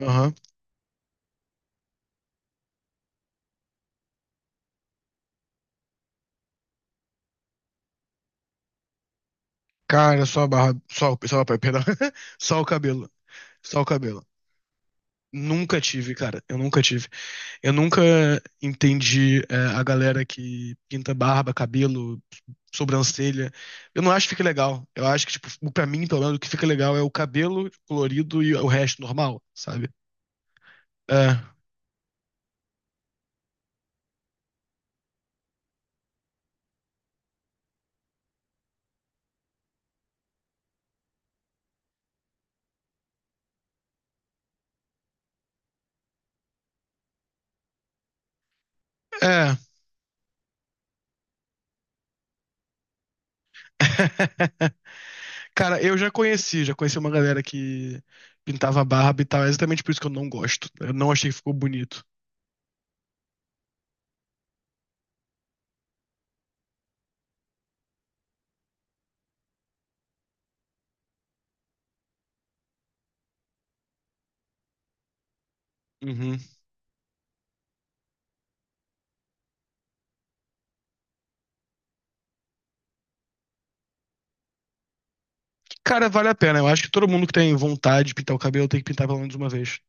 Aham. Cara, só a barba. Perdão. Só o cabelo. Só o cabelo. Nunca tive, cara. Eu nunca tive. Eu nunca entendi a galera que pinta barba, cabelo, sobrancelha. Eu não acho que fica legal. Eu acho que, tipo, pra mim, pelo menos, o que fica legal é o cabelo colorido e o resto normal, sabe? É. É. Cara, eu já conheci uma galera que pintava barba e tal. É exatamente por isso que eu não gosto. Eu não achei que ficou bonito. Uhum. Cara, vale a pena. Eu acho que todo mundo que tem vontade de pintar o cabelo tem que pintar pelo menos uma vez.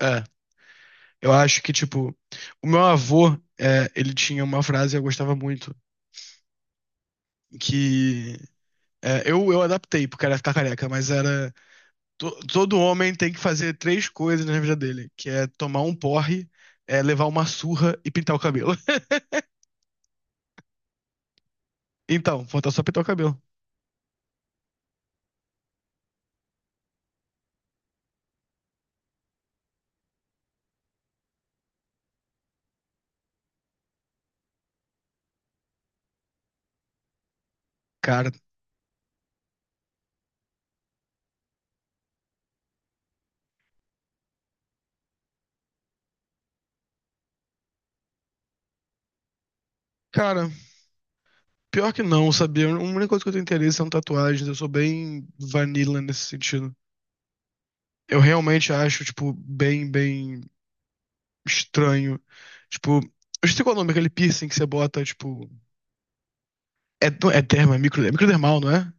É. Eu acho que, tipo, o meu avô, ele tinha uma frase que eu gostava muito, que eu adaptei, porque era ficar careca, mas era todo homem tem que fazer três coisas na vida dele, que é tomar um porre, levar uma surra e pintar o cabelo. Então, falta só pintar o cabelo. Cara, cara, pior que não, sabia? A única coisa que eu tenho interesse são tatuagens, eu sou bem vanilla nesse sentido. Eu realmente acho, tipo, bem, bem estranho. Tipo, eu sei qual é o nome, aquele piercing que você bota, tipo. É, não é derma, é microdermal, não é?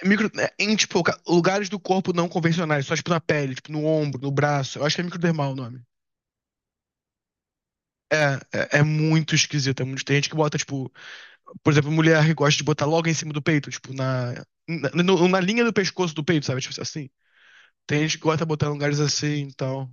É micro, é em, tipo, lugares do corpo não convencionais, só, tipo, na pele, tipo, no ombro, no braço. Eu acho que é microdermal o nome. É, é muito esquisito. É muito, tem gente que bota, tipo, por exemplo, mulher que gosta de botar logo em cima do peito, tipo, na, na linha do pescoço do peito, sabe? Tipo assim. Tem gente que gosta de botar em lugares assim, então.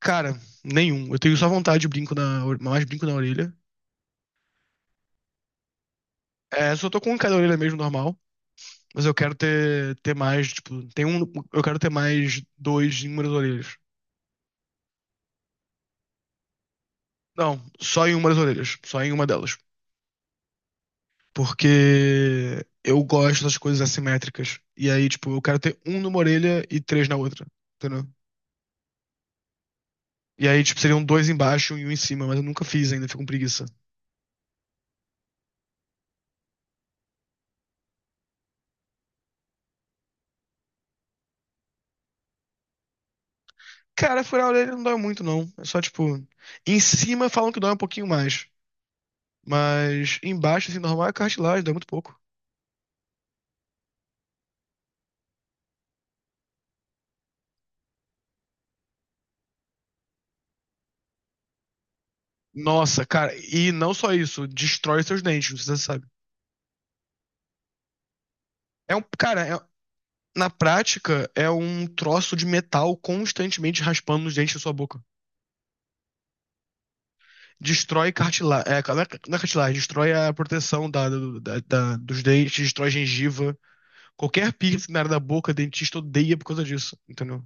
Cara, nenhum. Eu tenho só vontade de brinco mais brinco na orelha. É, só tô com um em cada orelha mesmo normal, mas eu quero ter mais, tipo, tem um, eu quero ter mais dois em uma das orelhas. Não, só em uma das orelhas, só em uma delas. Porque eu gosto das coisas assimétricas. E aí, tipo, eu quero ter um numa orelha e três na outra. Entendeu? E aí, tipo, seriam dois embaixo e um em cima, mas eu nunca fiz ainda, fico com preguiça. Cara, furar a orelha não dói muito, não. É só, tipo, em cima falam que dói um pouquinho mais. Mas embaixo, assim, normal é cartilagem, dói muito pouco. Nossa, cara, e não só isso, destrói seus dentes, não sei se você sabe. É um, cara, na prática, é um troço de metal constantemente raspando os dentes da sua boca. Destrói cartilagem. É, não é cartilagem, destrói a proteção da, dos dentes, destrói gengiva. Qualquer piercing na área da boca, dentista odeia por causa disso, entendeu?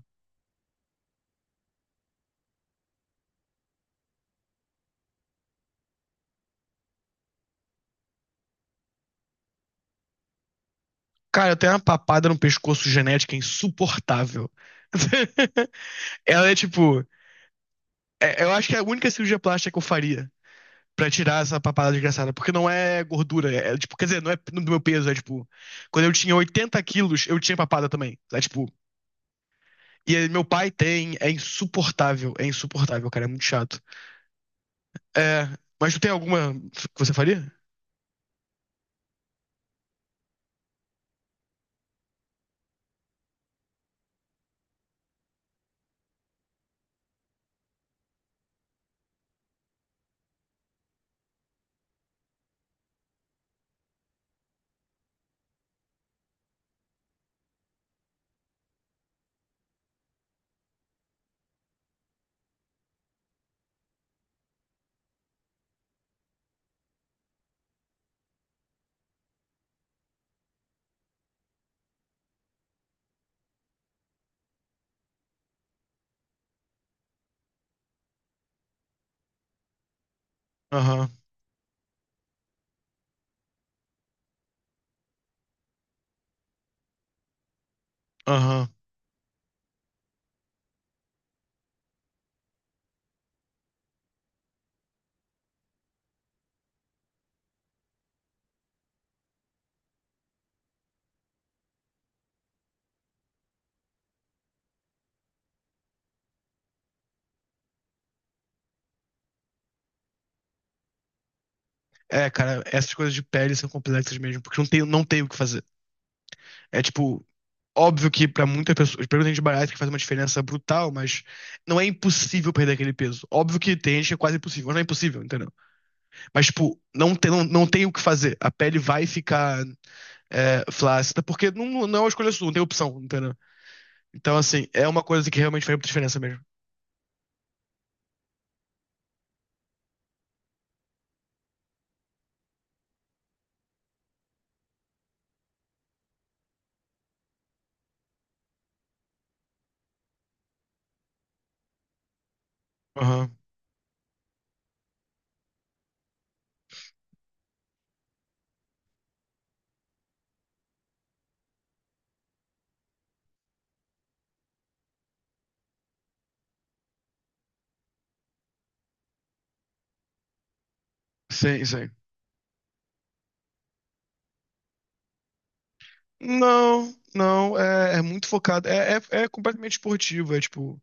Cara, eu tenho uma papada no pescoço genética insuportável. Ela é tipo. Eu acho que é a única cirurgia plástica que eu faria pra tirar essa papada desgraçada. Porque não é gordura. É, é, tipo, quer dizer, não é do meu peso. É tipo. Quando eu tinha 80 quilos, eu tinha papada também. É tipo. E aí, meu pai tem. É insuportável. É insuportável, cara. É muito chato. É, mas tu tem alguma que você faria? Aham, aham. É, cara, essas coisas de pele são complexas mesmo, porque não tem o que fazer. É tipo, óbvio que pra muitas pessoas, pra muita gente bariátrica faz uma diferença brutal, mas não é impossível perder aquele peso. Óbvio que tem gente que é quase impossível, mas não é impossível, entendeu? Mas, tipo, não tem o que fazer. A pele vai ficar. Flácida, porque não é uma escolha sua, não tem opção, entendeu? Então, assim, é uma coisa que realmente faz muita diferença mesmo. Aham. Sim, sim. Não, não, é, é muito focado. É completamente esportivo, é tipo.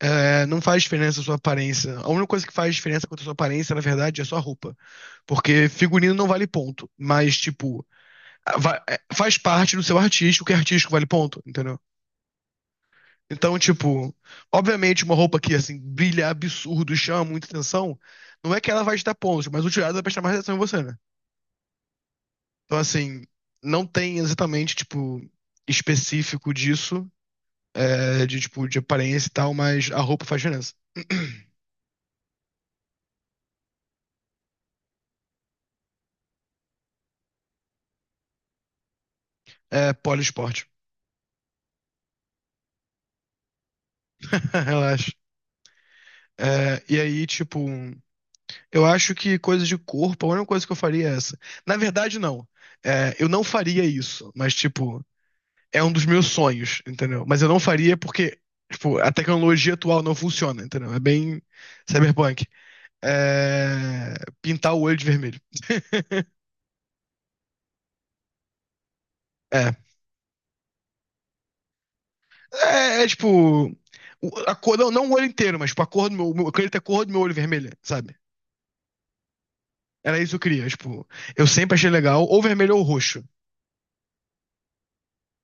Não faz diferença a sua aparência. A única coisa que faz diferença quanto a sua aparência, na verdade, é a sua roupa. Porque figurino não vale ponto. Mas, tipo, faz parte do seu artístico, que artístico vale ponto, entendeu? Então, tipo, obviamente uma roupa que, assim, brilha absurdo, chama muita atenção, não é que ela vai te dar pontos, mas o tirado vai prestar mais atenção em você, né? Então, assim, não tem exatamente, tipo, específico disso, de, tipo, de aparência e tal, mas a roupa faz diferença. É poliesporte. Relaxa. É, e aí, tipo, eu acho que coisa de corpo, a única coisa que eu faria é essa. Na verdade, não. É, eu não faria isso, mas, tipo, é um dos meus sonhos, entendeu? Mas eu não faria porque, tipo, a tecnologia atual não funciona, entendeu? É bem cyberpunk. É... Pintar o olho de vermelho. É. É, é, tipo. A cor, não, não o olho inteiro, mas tipo, a cor do meu. Eu queria ter a cor do meu olho vermelha, sabe? Era isso que eu queria, tipo. Eu sempre achei legal, ou vermelho ou roxo.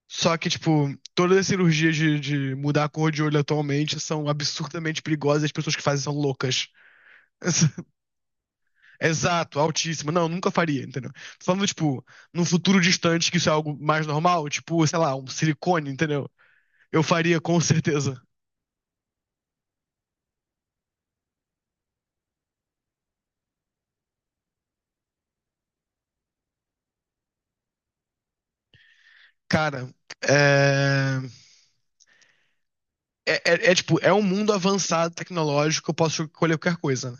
Só que, tipo, todas as cirurgias de mudar a cor de olho atualmente são absurdamente perigosas e as pessoas que fazem são loucas. Exato, altíssimo. Não, nunca faria, entendeu? Tô falando, tipo, num futuro distante que isso é algo mais normal, tipo, sei lá, um silicone, entendeu? Eu faria com certeza. Cara, é... É, tipo, é um mundo avançado tecnológico, eu posso escolher qualquer coisa, né?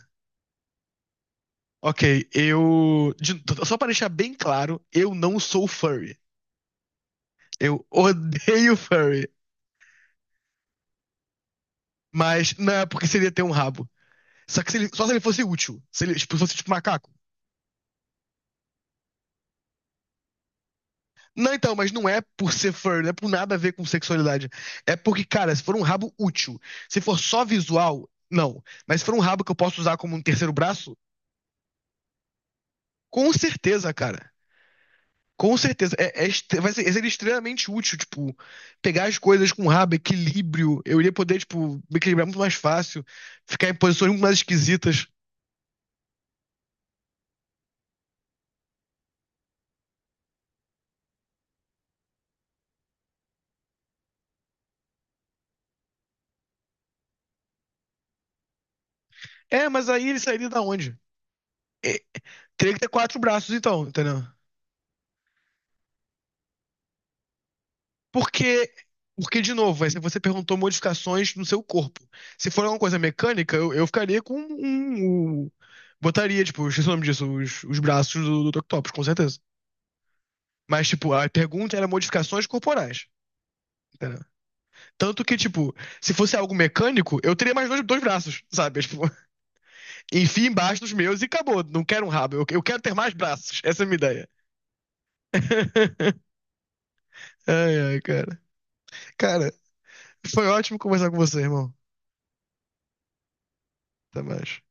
Ok, Só pra deixar bem claro, eu não sou furry. Eu odeio furry. Mas não é porque seria ter um rabo. Só que se ele- só se ele fosse útil. Se ele tipo, fosse tipo macaco. Não, então, mas não é por ser fur, não é por nada a ver com sexualidade. É porque, cara, se for um rabo útil, se for só visual, não. Mas se for um rabo que eu posso usar como um terceiro braço, com certeza, cara. Com certeza. Vai ser extremamente útil, tipo, pegar as coisas com rabo, equilíbrio. Eu iria poder, tipo, me equilibrar muito mais fácil, ficar em posições muito mais esquisitas. É, mas aí ele sairia da onde? É, teria que ter quatro braços, então, entendeu? Porque, porque de novo, você perguntou modificações no seu corpo. Se for alguma coisa mecânica, eu ficaria com um, um- Botaria, tipo, esqueci o nome disso, os braços do Octopus, com certeza. Mas, tipo, a pergunta era modificações corporais. Entendeu? Tanto que, tipo, se fosse algo mecânico, eu teria mais dois braços, sabe? Tipo, enfia embaixo dos meus e acabou. Não quero um rabo, eu quero ter mais braços. Essa é a minha ideia. Ai, ai, cara. Cara, foi ótimo conversar com você, irmão. Até mais.